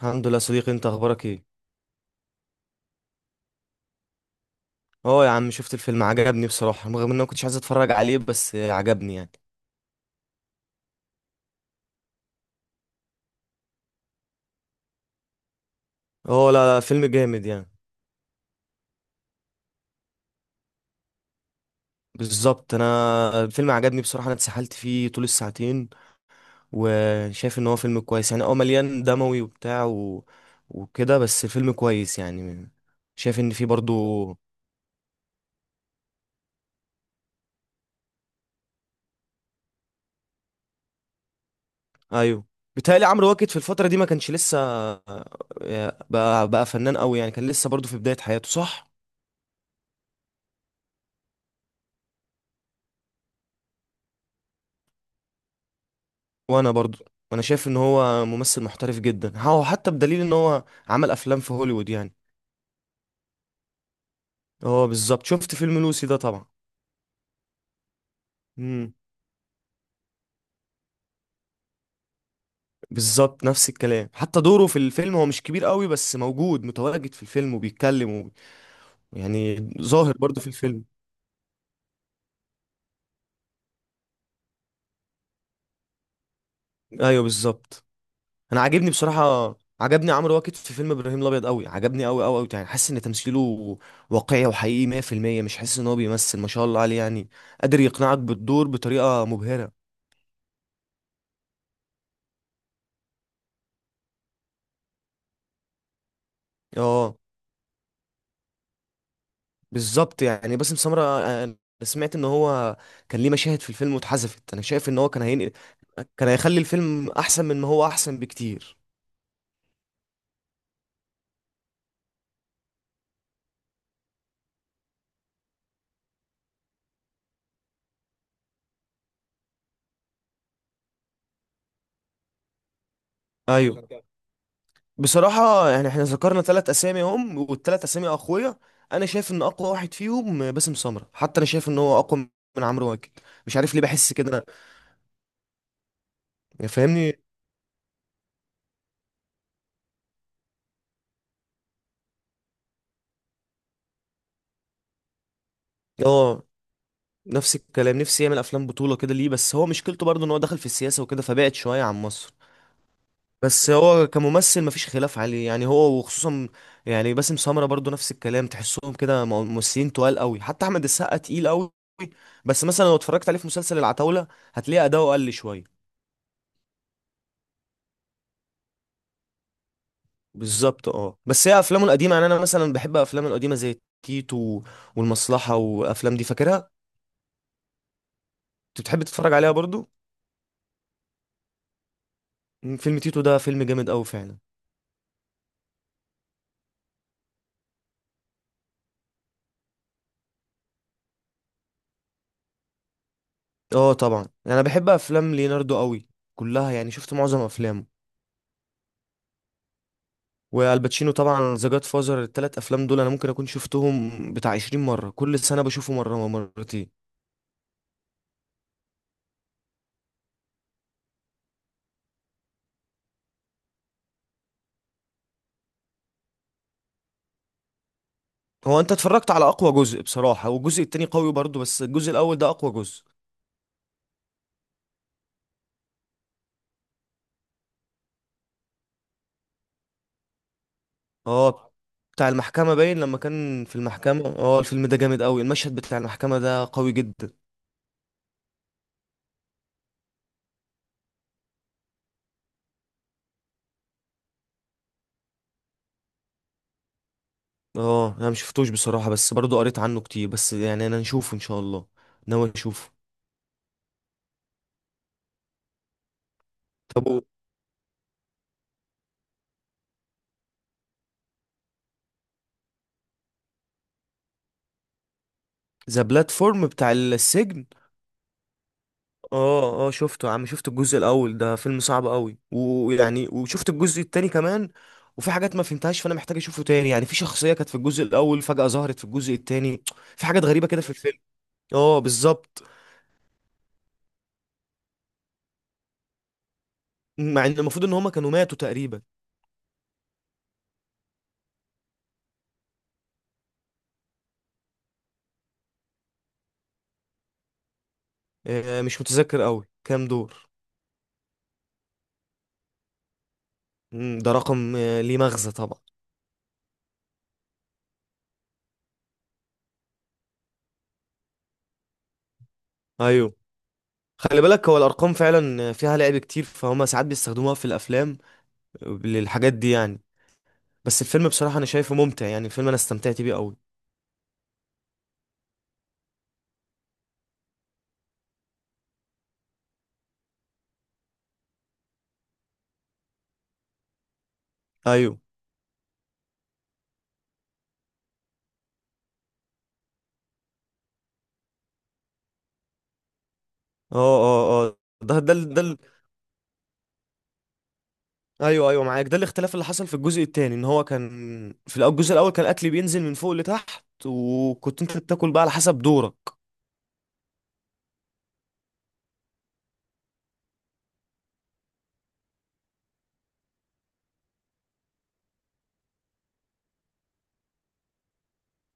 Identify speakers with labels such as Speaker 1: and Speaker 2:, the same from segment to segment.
Speaker 1: الحمد لله يا صديقي، انت اخبارك ايه؟ اه يا عم شفت الفيلم، عجبني بصراحة رغم ان انا ما كنتش عايز اتفرج عليه، بس عجبني يعني. اه، لا لا، فيلم جامد يعني. بالظبط، انا الفيلم عجبني بصراحة، انا اتسحلت فيه طول الساعتين وشايف ان هو فيلم كويس يعني، اه مليان دموي وبتاع وكده، بس الفيلم كويس يعني. شايف ان فيه برضو. ايوه، بيتهيألي عمرو واكد في الفترة دي ما كانش لسه بقى فنان قوي يعني، كان لسه برضو في بداية حياته، صح. وانا برضو، انا شايف ان هو ممثل محترف جدا، هو حتى بدليل ان هو عمل افلام في هوليوود يعني. هو بالظبط شفت فيلم لوسي ده طبعا. امم بالظبط نفس الكلام، حتى دوره في الفيلم هو مش كبير قوي بس موجود، متواجد في الفيلم وبيتكلم يعني ظاهر برضو في الفيلم. ايوه بالظبط. انا عاجبني بصراحة، عجبني عمرو واكد في فيلم ابراهيم الابيض قوي، عجبني قوي قوي قوي يعني، حاسس ان تمثيله واقعي وحقيقي 100%، مش حاسس ان هو بيمثل، ما شاء الله عليه يعني، قادر يقنعك بالدور بطريقة مبهرة. اه بالظبط، يعني باسم سمرة، انا سمعت ان هو كان ليه مشاهد في الفيلم واتحذفت. انا شايف ان هو كان هيخلي الفيلم احسن، من ما هو احسن بكتير. ايوه. بصراحة يعني احنا ذكرنا ثلاث اسامي هم، والثلاث اسامي اقوياء. انا شايف ان اقوى واحد فيهم باسم سمرة، حتى انا شايف ان هو اقوى من عمرو واكد. مش عارف ليه بحس كده. فاهمني. اه، نفس الكلام، نفسي يعمل افلام بطولة كده، ليه بس هو مشكلته برضه ان هو دخل في السياسة وكده، فبعد شوية عن مصر. بس هو كممثل مفيش خلاف عليه يعني، هو وخصوصا يعني باسم سمرة برضو نفس الكلام، تحسهم كده ممثلين تقال قوي، حتى احمد السقا تقيل قوي. بس مثلا لو اتفرجت عليه في مسلسل العتاولة هتلاقي اداؤه قل شوية. بالظبط، اه، بس هي افلامه القديمة، يعني انا مثلا بحب افلامه القديمة زي تيتو والمصلحة، وافلام دي فاكرها. انت بتحب تتفرج عليها برضو؟ فيلم تيتو ده فيلم جامد قوي فعلا. اه طبعا، يعني انا بحب افلام ليوناردو قوي كلها، يعني شفت معظم افلامه. والباتشينو طبعا، ذا جاد فازر، التلات افلام دول انا ممكن اكون شفتهم بتاع 20 مره، كل سنه بشوفه مره أو مرتين. هو انت اتفرجت على اقوى جزء بصراحه، والجزء التاني قوي برضه، بس الجزء الاول ده اقوى جزء. اه، بتاع المحكمه باين، لما كان في المحكمه، اه الفيلم ده جامد قوي، المشهد بتاع المحكمه ده قوي جدا. اه، انا مشفتوش بصراحه، بس برضه قريت عنه كتير، بس يعني انا نشوفه ان شاء الله، ناوي اشوفه. طب ذا بلاتفورم بتاع السجن؟ اه اه، شفته يا عم، شفت الجزء الاول، ده فيلم صعب قوي، ويعني وشفت الجزء التاني كمان، وفي حاجات ما فهمتهاش، فانا محتاج اشوفه تاني يعني، في شخصية كانت في الجزء الاول فجأة ظهرت في الجزء التاني، في حاجات غريبة كده في الفيلم. اه بالظبط، مع ان المفروض ان هما كانوا ماتوا تقريبا. مش متذكر قوي كام دور. ده رقم ليه مغزى طبعا. ايوه، خلي بالك، هو الارقام فعلا فيها لعب كتير، فهما ساعات بيستخدموها في الافلام للحاجات دي يعني. بس الفيلم بصراحة انا شايفه ممتع يعني، الفيلم انا استمتعت بيه قوي. ايوه. اه اه. اه. ده ده ال- ده ال- ايوه ايوه معاك، ده الاختلاف اللي حصل في الجزء التاني، ان هو كان الجزء الاول كان الاكل بينزل من فوق لتحت، وكنت انت بتاكل بقى على حسب دورك.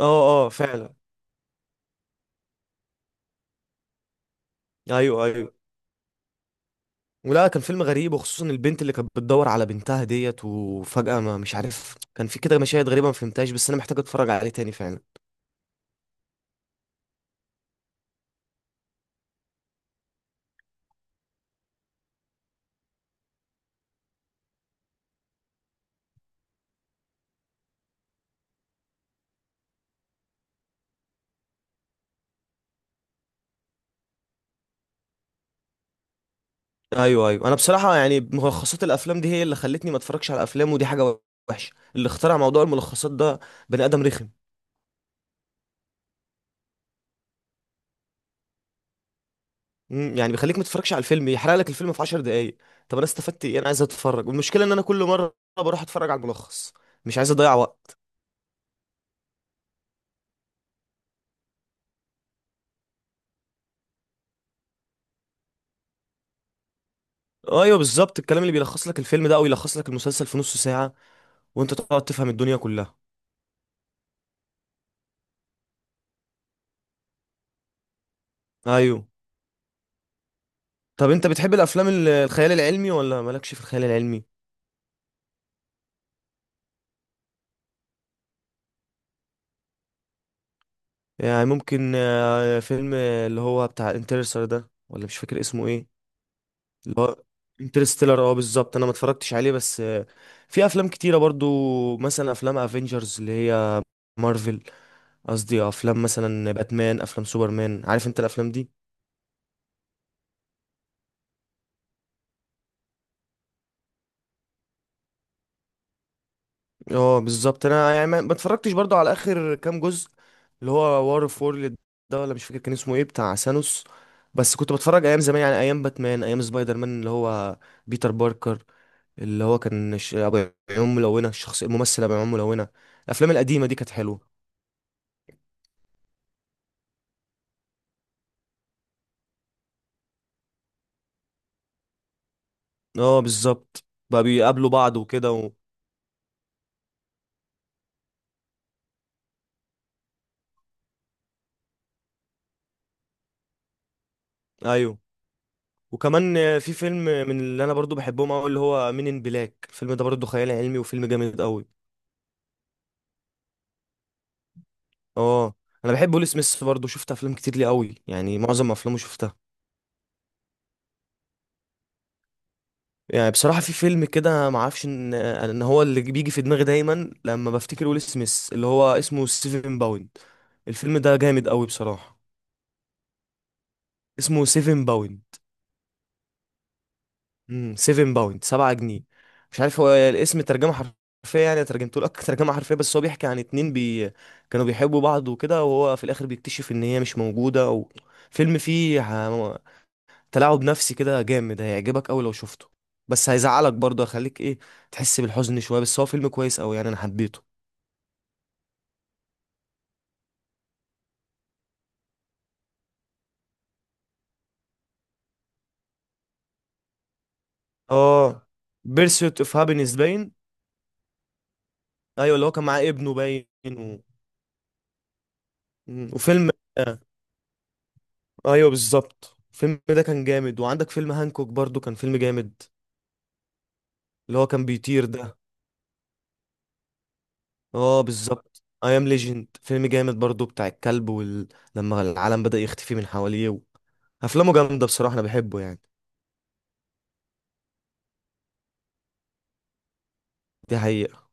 Speaker 1: اه اه فعلا. ايوه ايوه. ولا كان فيلم غريب، وخصوصا البنت اللي كانت بتدور على بنتها ديت، وفجأة ما مش عارف، كان في كده مشاهد غريبة ما فهمتهاش، بس انا محتاج اتفرج عليه تاني فعلا. ايوه ايوه. انا بصراحة يعني ملخصات الافلام دي هي اللي خلتني ما اتفرجش على افلام، ودي حاجة وحشة اللي اخترع موضوع الملخصات ده، بني ادم رخم. يعني بيخليك ما تتفرجش على الفيلم، يحرق لك الفيلم في 10 دقايق. طب انا استفدت ايه؟ انا عايز اتفرج، والمشكله ان انا كل مره بروح اتفرج على الملخص، مش عايز اضيع وقت. ايوه بالظبط، الكلام اللي بيلخص لك الفيلم ده او يلخص لك المسلسل في نص ساعه، وانت تقعد تفهم الدنيا كلها. ايوه. طب انت بتحب الافلام الخيال العلمي ولا مالكش في الخيال العلمي؟ يعني ممكن فيلم اللي هو بتاع انترستر ده، ولا مش فاكر اسمه ايه. اللي هو انترستيلر، اه بالظبط، انا ما اتفرجتش عليه بس في افلام كتيره برضو، مثلا افلام افنجرز اللي هي مارفل، قصدي افلام مثلا باتمان، افلام سوبرمان، عارف انت الافلام دي. اه بالظبط، انا يعني ما اتفرجتش برضو على اخر كام جزء، اللي هو وار اوف وورلد ده، ولا مش فاكر كان اسمه ايه، بتاع ثانوس. بس كنت بتفرج ايام زمان، يعني ايام باتمان، ايام سبايدر مان اللي هو بيتر باركر، اللي هو كان ابو عيون ملونه، الشخص الممثل ابو عيون ملونه. الافلام القديمه دي كانت حلوه. اه بالظبط، بقى بيقابلوا بعض وكده ايوه. وكمان في فيلم من اللي انا برضو بحبهم قوي، اللي هو مين ان بلاك، الفيلم ده برضو خيال علمي، وفيلم جامد قوي. اه، انا بحب ويل سميث برضو، شفت افلام كتير ليه قوي يعني، معظم افلامه شفتها. يعني بصراحة في فيلم كده، ما اعرفش ان هو اللي بيجي في دماغي دايما لما بفتكر ويل سميث، اللي هو اسمه سيفن باوند، الفيلم ده جامد قوي بصراحة. اسمه سيفن باوند. 7 باوند، 7 جنيه. مش عارف هو الاسم ترجمه حرفيه، يعني ترجمته لك ترجمه حرفيه، بس هو بيحكي عن اتنين كانوا بيحبوا بعض وكده، وهو في الاخر بيكتشف ان هي مش موجوده فيلم فيه تلاعب نفسي كده جامد، هيعجبك قوي لو شفته، بس هيزعلك برضه، هيخليك ايه، تحس بالحزن شويه، بس هو فيلم كويس قوي يعني، انا حبيته. اه، بيرسيوت اوف هابينس باين. ايوه، اللي هو كان معاه ابنه باين و... مم. ايوه بالظبط، الفيلم ده كان جامد، وعندك فيلم هانكوك برضو كان فيلم جامد، اللي هو كان بيطير ده. اه بالظبط، اي ام ليجند، فيلم جامد برضو بتاع الكلب لما العالم بدأ يختفي من حواليه افلامه جامده بصراحه، انا بحبه يعني. دي حقيقه.